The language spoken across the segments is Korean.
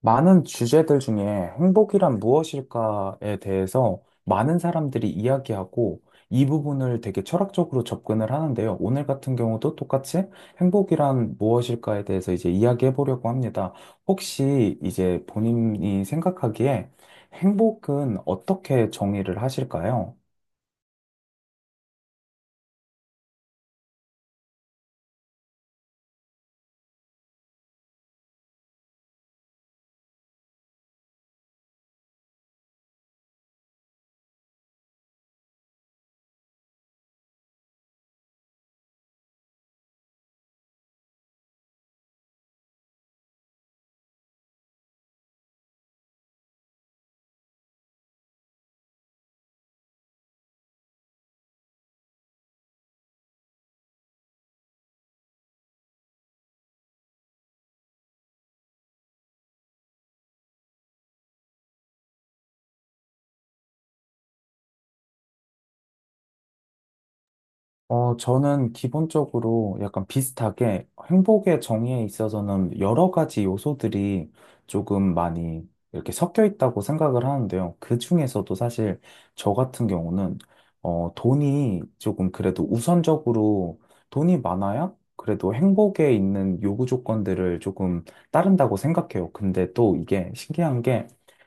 많은 주제들 중에 행복이란 무엇일까에 대해서 많은 사람들이 이야기하고 이 부분을 되게 철학적으로 접근을 하는데요. 오늘 같은 경우도 똑같이 행복이란 무엇일까에 대해서 이제 이야기해 보려고 합니다. 혹시 이제 본인이 생각하기에 행복은 어떻게 정의를 하실까요? 저는 기본적으로 약간 비슷하게 행복의 정의에 있어서는 여러 가지 요소들이 조금 많이 이렇게 섞여 있다고 생각을 하는데요. 그 중에서도 사실 저 같은 경우는 돈이 조금 그래도 우선적으로 돈이 많아야 그래도 행복에 있는 요구 조건들을 조금 따른다고 생각해요. 근데 또 이게 신기한 게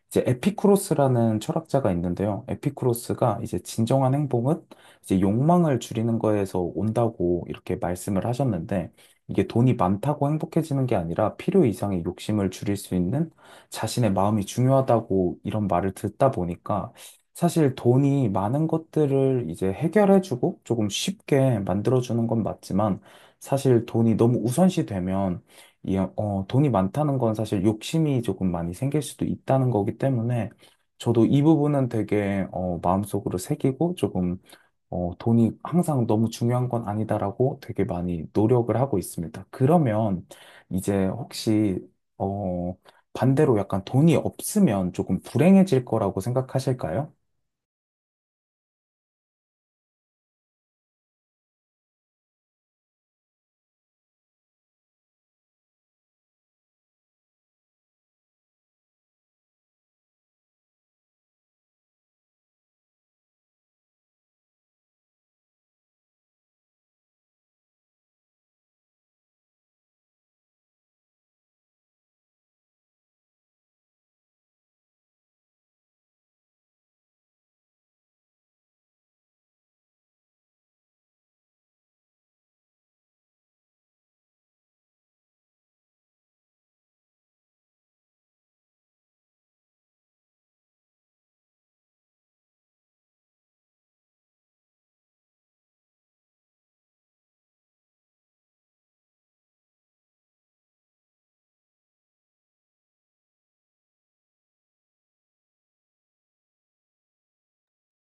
이제 에피쿠로스라는 철학자가 있는데요. 에피쿠로스가 이제 진정한 행복은 이제 욕망을 줄이는 거에서 온다고 이렇게 말씀을 하셨는데, 이게 돈이 많다고 행복해지는 게 아니라 필요 이상의 욕심을 줄일 수 있는 자신의 마음이 중요하다고 이런 말을 듣다 보니까, 사실 돈이 많은 것들을 이제 해결해주고 조금 쉽게 만들어주는 건 맞지만, 사실 돈이 너무 우선시 되면 돈이 많다는 건 사실 욕심이 조금 많이 생길 수도 있다는 거기 때문에, 저도 이 부분은 되게 마음속으로 새기고, 조금 돈이 항상 너무 중요한 건 아니다라고 되게 많이 노력을 하고 있습니다. 그러면 이제 혹시, 어, 반대로 약간 돈이 없으면 조금 불행해질 거라고 생각하실까요?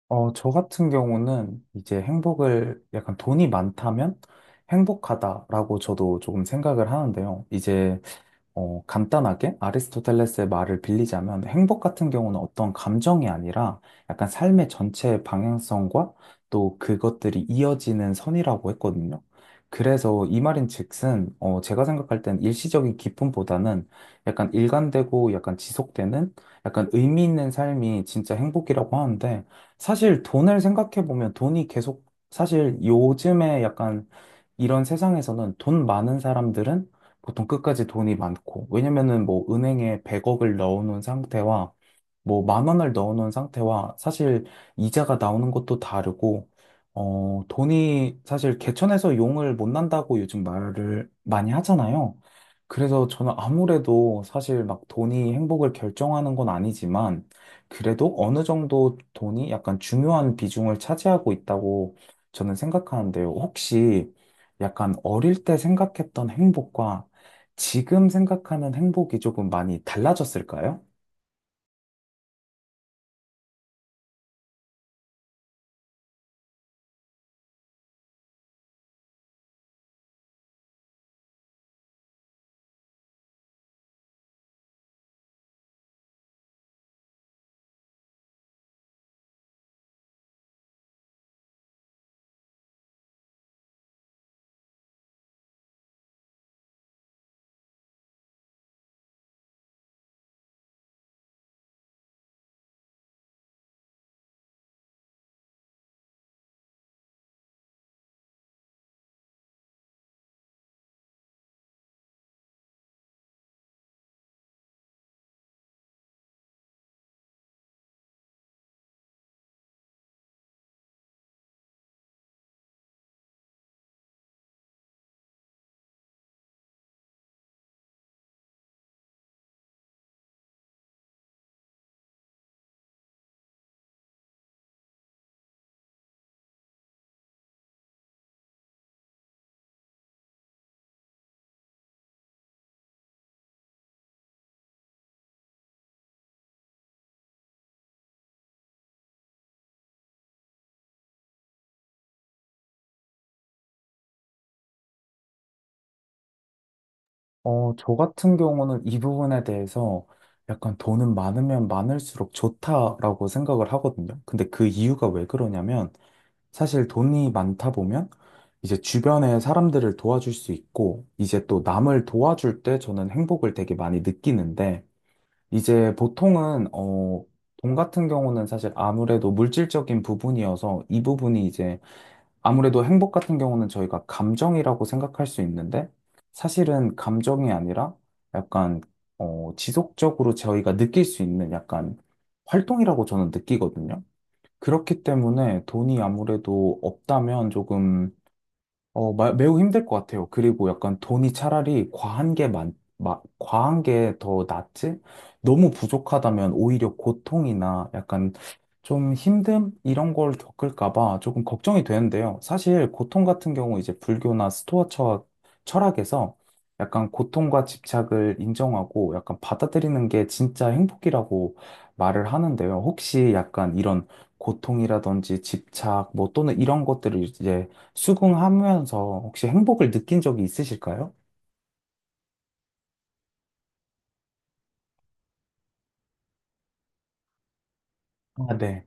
저 같은 경우는 이제 행복을 약간 돈이 많다면 행복하다라고 저도 조금 생각을 하는데요. 이제 간단하게 아리스토텔레스의 말을 빌리자면 행복 같은 경우는 어떤 감정이 아니라 약간 삶의 전체 방향성과 또 그것들이 이어지는 선이라고 했거든요. 그래서 이 말인즉슨, 제가 생각할 땐 일시적인 기쁨보다는 약간 일관되고 약간 지속되는 약간 의미 있는 삶이 진짜 행복이라고 하는데, 사실 돈을 생각해 보면, 돈이 계속 사실 요즘에 약간 이런 세상에서는 돈 많은 사람들은 보통 끝까지 돈이 많고, 왜냐면은 뭐 은행에 100억을 넣어놓은 상태와 뭐 만 원을 넣어놓은 상태와 사실 이자가 나오는 것도 다르고, 돈이 사실 개천에서 용을 못 난다고 요즘 말을 많이 하잖아요. 그래서 저는 아무래도 사실 막 돈이 행복을 결정하는 건 아니지만, 그래도 어느 정도 돈이 약간 중요한 비중을 차지하고 있다고 저는 생각하는데요. 혹시 약간 어릴 때 생각했던 행복과 지금 생각하는 행복이 조금 많이 달라졌을까요? 저 같은 경우는 이 부분에 대해서 약간 돈은 많으면 많을수록 좋다라고 생각을 하거든요. 근데 그 이유가 왜 그러냐면, 사실 돈이 많다 보면 이제 주변에 사람들을 도와줄 수 있고 이제 또 남을 도와줄 때 저는 행복을 되게 많이 느끼는데, 이제 보통은 돈 같은 경우는 사실 아무래도 물질적인 부분이어서, 이 부분이 이제 아무래도 행복 같은 경우는 저희가 감정이라고 생각할 수 있는데, 사실은 감정이 아니라 약간 지속적으로 저희가 느낄 수 있는 약간 활동이라고 저는 느끼거든요. 그렇기 때문에 돈이 아무래도 없다면 조금 매우 힘들 것 같아요. 그리고 약간 돈이 차라리 과한 게 더 낫지? 너무 부족하다면 오히려 고통이나 약간 좀 힘듦? 이런 걸 겪을까 봐 조금 걱정이 되는데요. 사실 고통 같은 경우, 이제 불교나 스토아 철학에서 약간 고통과 집착을 인정하고 약간 받아들이는 게 진짜 행복이라고 말을 하는데요. 혹시 약간 이런 고통이라든지 집착, 뭐 또는 이런 것들을 이제 수긍하면서 혹시 행복을 느낀 적이 있으실까요? 아, 네.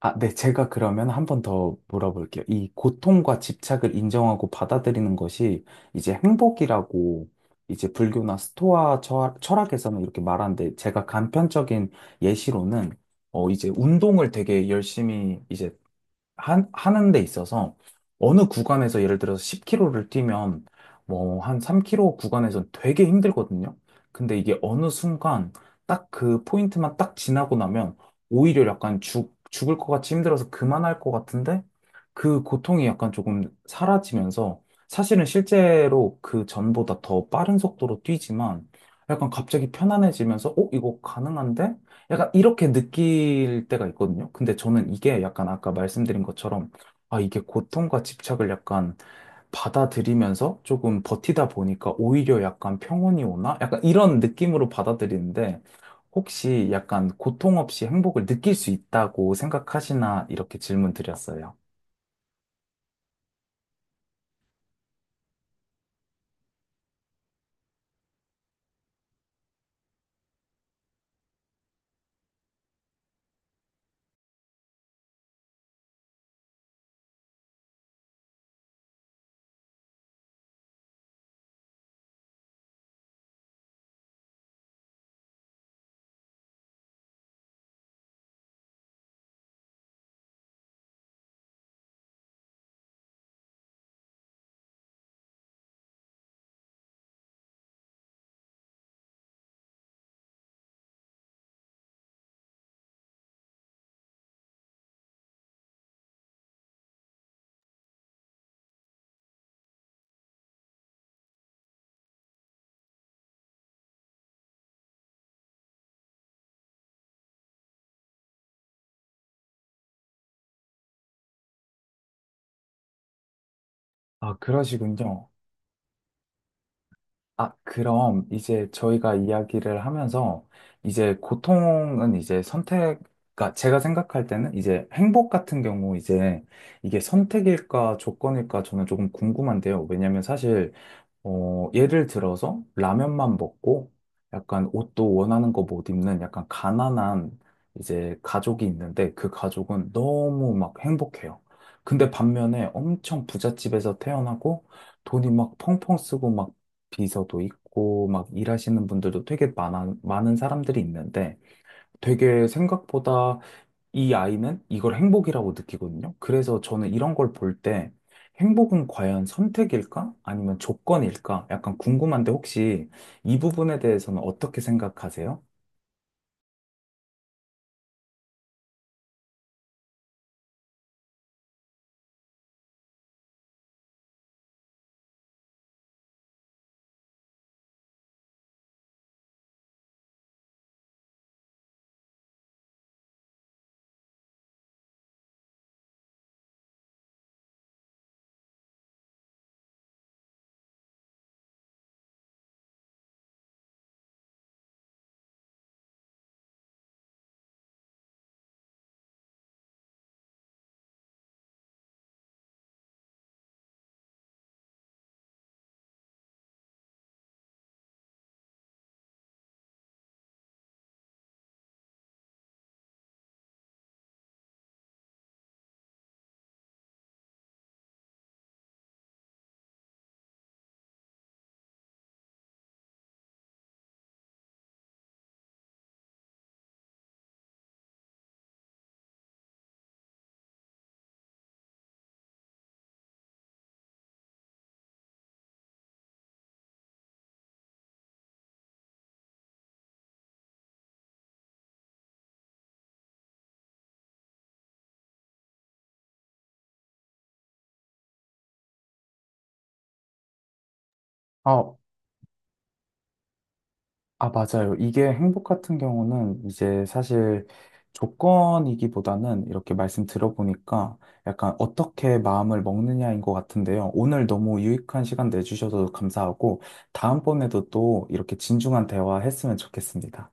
아, 네. 제가 그러면 한번 더 물어볼게요. 이 고통과 집착을 인정하고 받아들이는 것이 이제 행복이라고, 이제 불교나 스토아 철학에서는 이렇게 말하는데, 제가 간편적인 예시로는 이제 운동을 되게 열심히 이제 하는 데 있어서, 어느 구간에서 예를 들어서 10km를 뛰면 뭐 한 3km 구간에선 되게 힘들거든요. 근데 이게 어느 순간 딱 그 포인트만 딱 지나고 나면, 오히려 약간 죽을 것 같이 힘들어서 그만할 것 같은데, 그 고통이 약간 조금 사라지면서 사실은 실제로 그 전보다 더 빠른 속도로 뛰지만, 약간 갑자기 편안해지면서 이거 가능한데? 약간 이렇게 느낄 때가 있거든요. 근데 저는 이게 약간 아까 말씀드린 것처럼, 아, 이게 고통과 집착을 약간 받아들이면서 조금 버티다 보니까 오히려 약간 평온이 오나? 약간 이런 느낌으로 받아들이는데, 혹시 약간 고통 없이 행복을 느낄 수 있다고 생각하시나? 이렇게 질문 드렸어요. 아, 그러시군요. 아, 그럼 이제 저희가 이야기를 하면서, 이제 고통은 이제 선택, 그러니까 제가 생각할 때는 이제 행복 같은 경우 이제 이게 선택일까 조건일까 저는 조금 궁금한데요. 왜냐면 사실 예를 들어서 라면만 먹고 약간 옷도 원하는 거 못 입는 약간 가난한 이제 가족이 있는데, 그 가족은 너무 막 행복해요. 근데 반면에 엄청 부잣집에서 태어나고 돈이 막 펑펑 쓰고 막 비서도 있고 막 일하시는 분들도 되게 많은 사람들이 있는데, 되게 생각보다 이 아이는 이걸 행복이라고 느끼거든요. 그래서 저는 이런 걸 볼 때, 행복은 과연 선택일까? 아니면 조건일까? 약간 궁금한데, 혹시 이 부분에 대해서는 어떻게 생각하세요? 아, 아, 맞아요. 이게 행복 같은 경우는 이제 사실 조건이기보다는, 이렇게 말씀 들어보니까 약간 어떻게 마음을 먹느냐인 것 같은데요. 오늘 너무 유익한 시간 내주셔서 감사하고, 다음번에도 또 이렇게 진중한 대화 했으면 좋겠습니다.